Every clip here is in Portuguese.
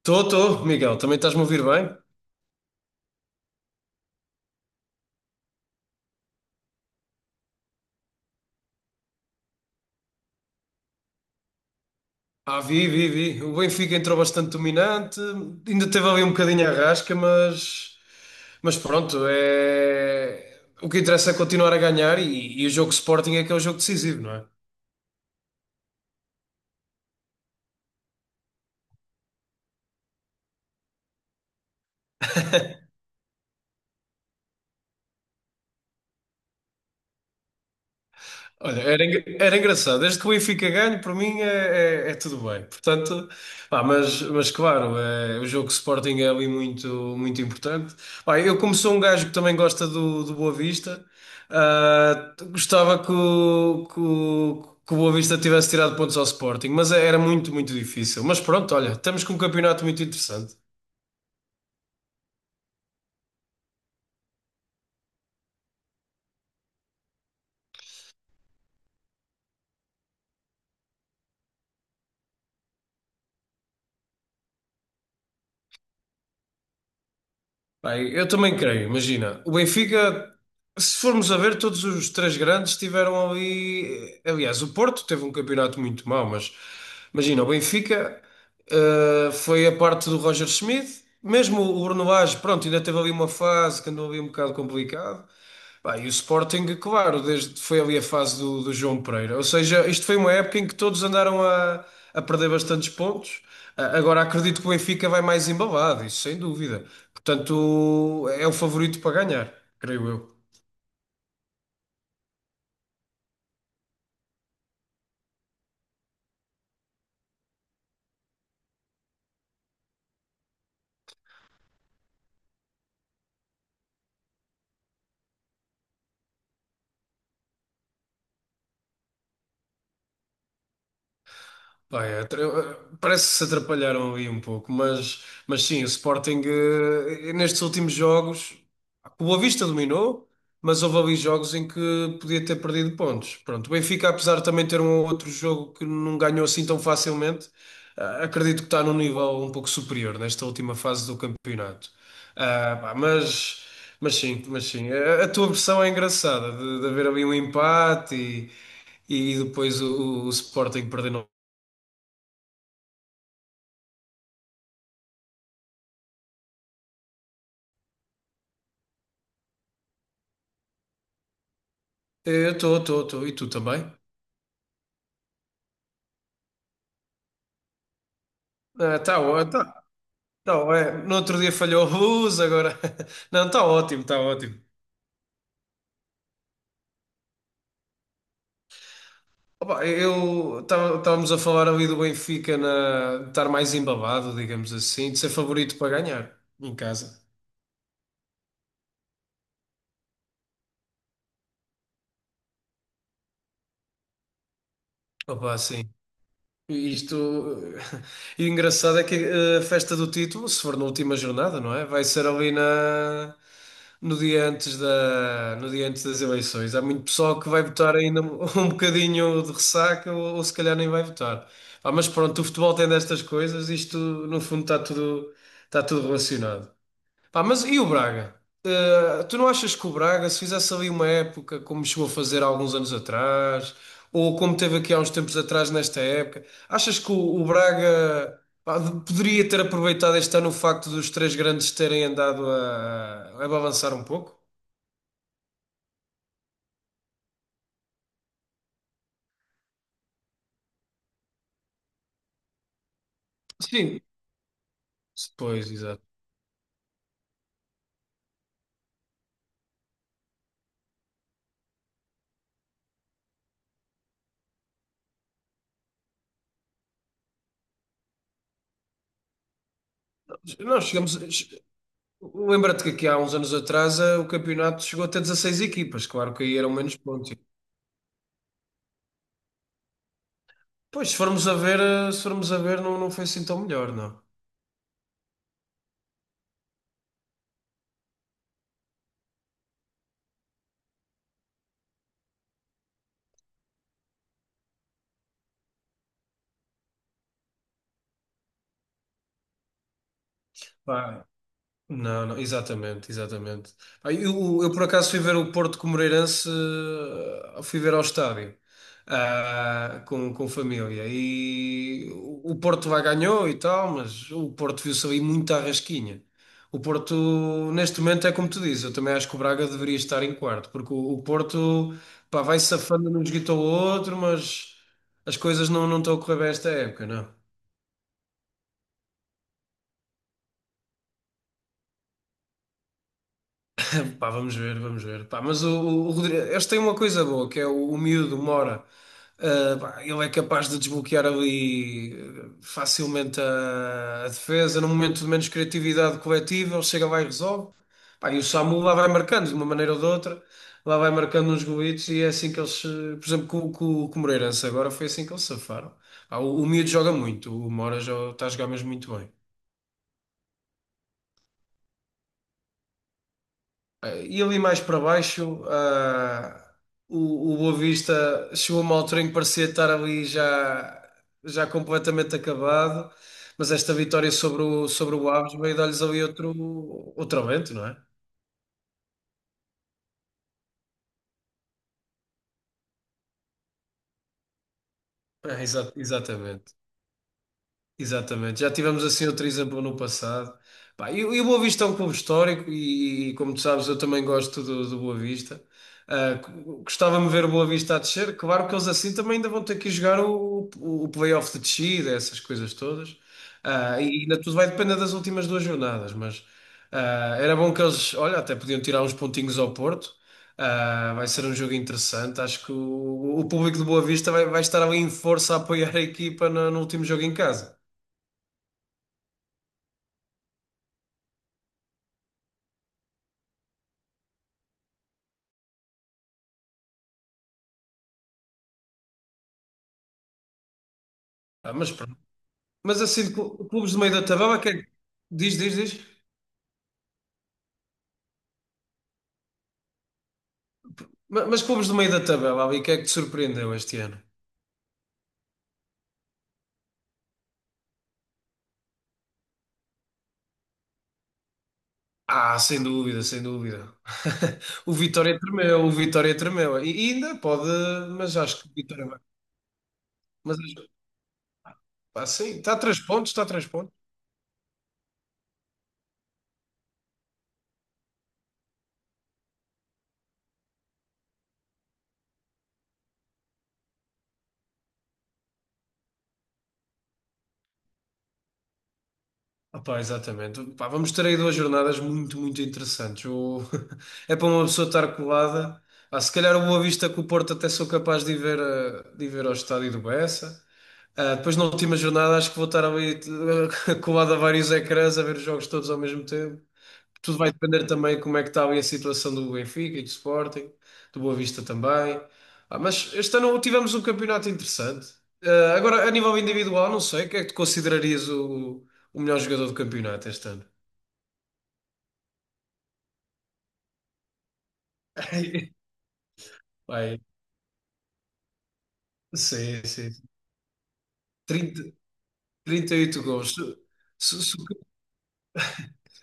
Estou, estou, Miguel, também estás-me a ouvir bem? Ah, vi. O Benfica entrou bastante dominante, ainda teve ali um bocadinho a rasca, mas pronto, o que interessa é continuar a ganhar e o jogo Sporting é que é o jogo decisivo, não é? Olha, era, era engraçado. Desde que o Benfica ganhe, para mim é tudo bem. Portanto, pá, mas claro, é, o jogo Sporting é ali muito, muito importante. Pá, eu, como sou um gajo que também gosta do, do Boa Vista, gostava que o Boa Vista tivesse tirado pontos ao Sporting, mas era muito, muito difícil. Mas pronto, olha, estamos com um campeonato muito interessante. Bem, eu também creio, imagina, o Benfica, se formos a ver, todos os três grandes tiveram ali. Aliás, o Porto teve um campeonato muito mau, mas imagina, o Benfica foi a parte do Roger Schmidt, mesmo o Bruno Lage, pronto, ainda teve ali uma fase que andou ali um bocado complicado. Bem, e o Sporting, claro, desde foi ali a fase do, do João Pereira. Ou seja, isto foi uma época em que todos andaram a perder bastantes pontos. Agora acredito que o Benfica vai mais embalado, isso sem dúvida. Portanto, é o favorito para ganhar, creio eu. Pá, é, parece que se atrapalharam ali um pouco, mas sim, o Sporting nestes últimos jogos, o Boa Vista dominou, mas houve ali jogos em que podia ter perdido pontos. Pronto, o Benfica, apesar de também ter um outro jogo que não ganhou assim tão facilmente, acredito que está num nível um pouco superior nesta última fase do campeonato. Ah, pá, mas, mas sim, a tua versão é engraçada, de haver ali um empate e depois o Sporting perdendo. Eu estou, estou. E tu também? Ah, tá, ó- tá, é. No outro dia falhou a luz, agora. Não, está ótimo, está ótimo. Opa, estávamos a falar ali do Benfica na, de estar mais embabado, digamos assim, de ser favorito para ganhar em casa. Opa, sim. Isto, eh, e o engraçado é que a festa do título, se for na última jornada, não é? Vai ser ali na, no dia antes da, no dia antes das eleições. Há muito pessoal que vai votar ainda um um bocadinho de ressaca ou se calhar nem vai votar. Ah, mas pronto, o futebol tem destas coisas, isto no fundo está tudo relacionado. Pá, mas e o Braga? Tu não achas que o Braga, se fizesse ali uma época como chegou a fazer há alguns anos atrás, ou como teve aqui há uns tempos atrás nesta época, achas que o Braga pá, poderia ter aproveitado este ano o facto dos três grandes terem andado a avançar um pouco? Sim, pois, exato. Nós chegamos. che- Lembra-te que aqui há uns anos atrás o campeonato chegou até 16 equipas, claro que aí eram menos pontos. Pois, se formos a ver, eh, se formos a ver, não, não foi assim tão melhor, não. Pá, não, não, exatamente, exatamente. Ah, eu por acaso fui ver o Porto com o Moreirense, fui ver ao estádio, com família. E o Porto lá ganhou e tal, mas o Porto viu-se ali muito à rasquinha. O Porto, neste momento, é como tu dizes, eu também acho que o Braga deveria estar em quarto, porque o Porto, pá, vai safando num joguito ao outro, mas as coisas não estão a correr bem esta época, não. Pá, vamos ver, vamos ver. Pá, mas o Rodrigo, este tem uma coisa boa, que é o miúdo Mora. Ah, pá, ele é capaz de desbloquear ali facilmente a defesa, num momento de menos criatividade coletiva, ele chega lá e resolve. Pá, e o Samu lá vai marcando, de uma maneira ou de outra, lá vai marcando uns golitos e é assim que eles, por exemplo, com o Moreirense agora foi assim que eles safaram. Pá, o miúdo joga muito, o Mora já está a jogar mesmo muito bem. E ali mais para baixo, o Boa Vista chegou a uma altura em que parecia estar ali já completamente acabado, mas esta vitória sobre o Aves veio dar-lhes ali outro aumento, não é? É, exatamente. Exatamente, já tivemos assim outro exemplo no passado. Pá, e o Boa Vista é um clube histórico e, como tu sabes, eu também gosto do, do Boa Vista. Ah, gostava-me de ver o Boa Vista a descer. Claro que eles assim também ainda vão ter que jogar o play-off de descida, essas coisas todas. Ah, e ainda tudo vai depender das últimas duas jornadas, mas era bom que eles, olha, até podiam tirar uns pontinhos ao Porto. Ah, vai ser um jogo interessante. Acho que o público do Boa Vista vai, vai estar ali em força a apoiar a equipa no último jogo em casa. Ah, mas pronto. Mas assim, de clubes do meio da tabela, diz, diz, diz. Mas, clubes do meio da tabela, ali, que é que te surpreendeu este ano? Ah, sem dúvida, sem dúvida. O Vitória tremeu, o Vitória tremeu. E ainda pode, mas acho que o Vitória vai. Mas acho- Pá, sim, está a três pontos, está a três pontos. Ah, pá, exatamente. Pá, vamos ter aí duas jornadas muito, muito interessantes. É para uma pessoa estar colada. Ah, se calhar o Boa Vista com o Porto até sou capaz de ir ver, de ir ver ao estádio do Bessa. Ah, depois na última jornada acho que vou estar ali colado a vários ecrãs a ver os jogos todos ao mesmo tempo. Tudo vai depender também como é que está ali a situação do Benfica e do Sporting, do Boa Vista também. Ah, mas este ano tivemos um campeonato interessante. Ah, agora, a nível individual, não sei, quem é que tu considerarias o melhor jogador do campeonato este ano? Vai, sim, sim. 30, 38 gols. Se- se-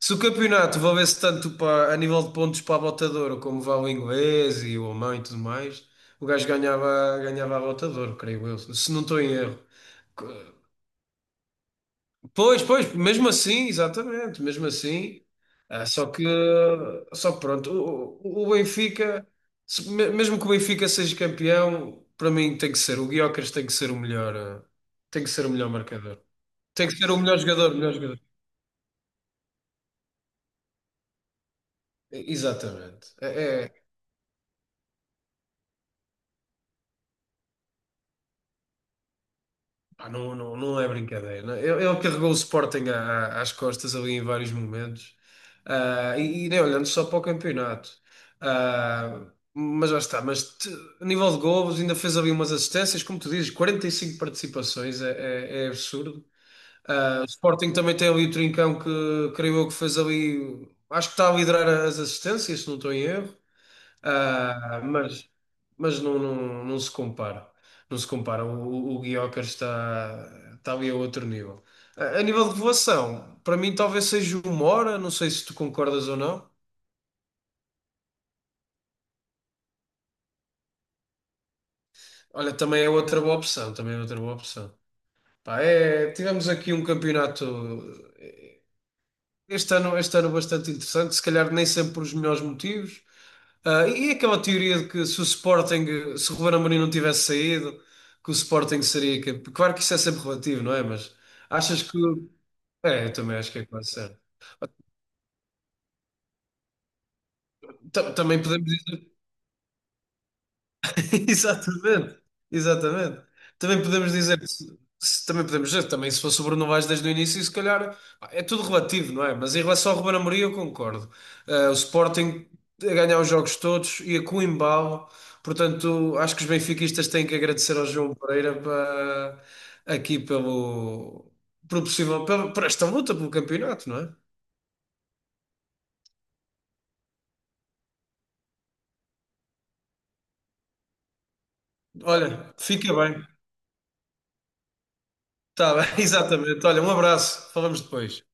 Se o campeonato valesse tanto para, a nível de pontos para a Bota de Ouro como vale o inglês e o alemão e tudo mais, o gajo ganhava, ganhava a Bota de Ouro, creio eu, se não estou em erro. Pois, pois, mesmo assim, exatamente, mesmo assim. Ah, só que pronto, o Benfica, mesmo que o Benfica seja campeão, para mim tem que ser, o Gyökeres tem que ser o melhor, tem que ser o melhor marcador. Tem que ser o melhor jogador, o melhor jogador. Exatamente. Pá, não, não, não é brincadeira. Não. é? Ele carregou o Sporting às costas ali em vários momentos. Ah, e nem olhando só para o campeonato. Ah, mas já está. A nível de golos, ainda fez ali umas assistências, como tu dizes, 45 participações, é, é absurdo. Ah, o Sporting também tem ali o Trincão que creio eu que fez ali. Acho que está a liderar as assistências, se não estou em erro. Ah, mas não, não, não se compara. Não se compara. O Gyökeres está, está ali a outro nível. A nível de voação, para mim talvez seja o Mora, não sei se tu concordas ou não. Olha, também é outra boa opção, também é outra boa opção. Pá, é, tivemos aqui um campeonato este ano bastante interessante, se calhar nem sempre por os melhores motivos. Ah, e aquela teoria de que se o Sporting, se o Ruben Amorim não tivesse saído, que o Sporting seria campeão. Claro que isso é sempre relativo, não é? Mas achas que. É, eu também acho que é quase certo. Também podemos dizer. Exatamente, exatamente. Também podemos dizer, que também se fosse o Bruno Vaz desde o início, se calhar pá, é tudo relativo, não é? Mas em relação ao Ruben Amorim, eu concordo. O Sporting a ganhar os jogos todos e a com embalo, portanto, acho que os benfiquistas têm que agradecer ao João Pereira aqui pelo possível, pelo, por esta luta pelo campeonato, não é? Olha, fica bem, está bem, exatamente. Olha, um abraço, falamos depois.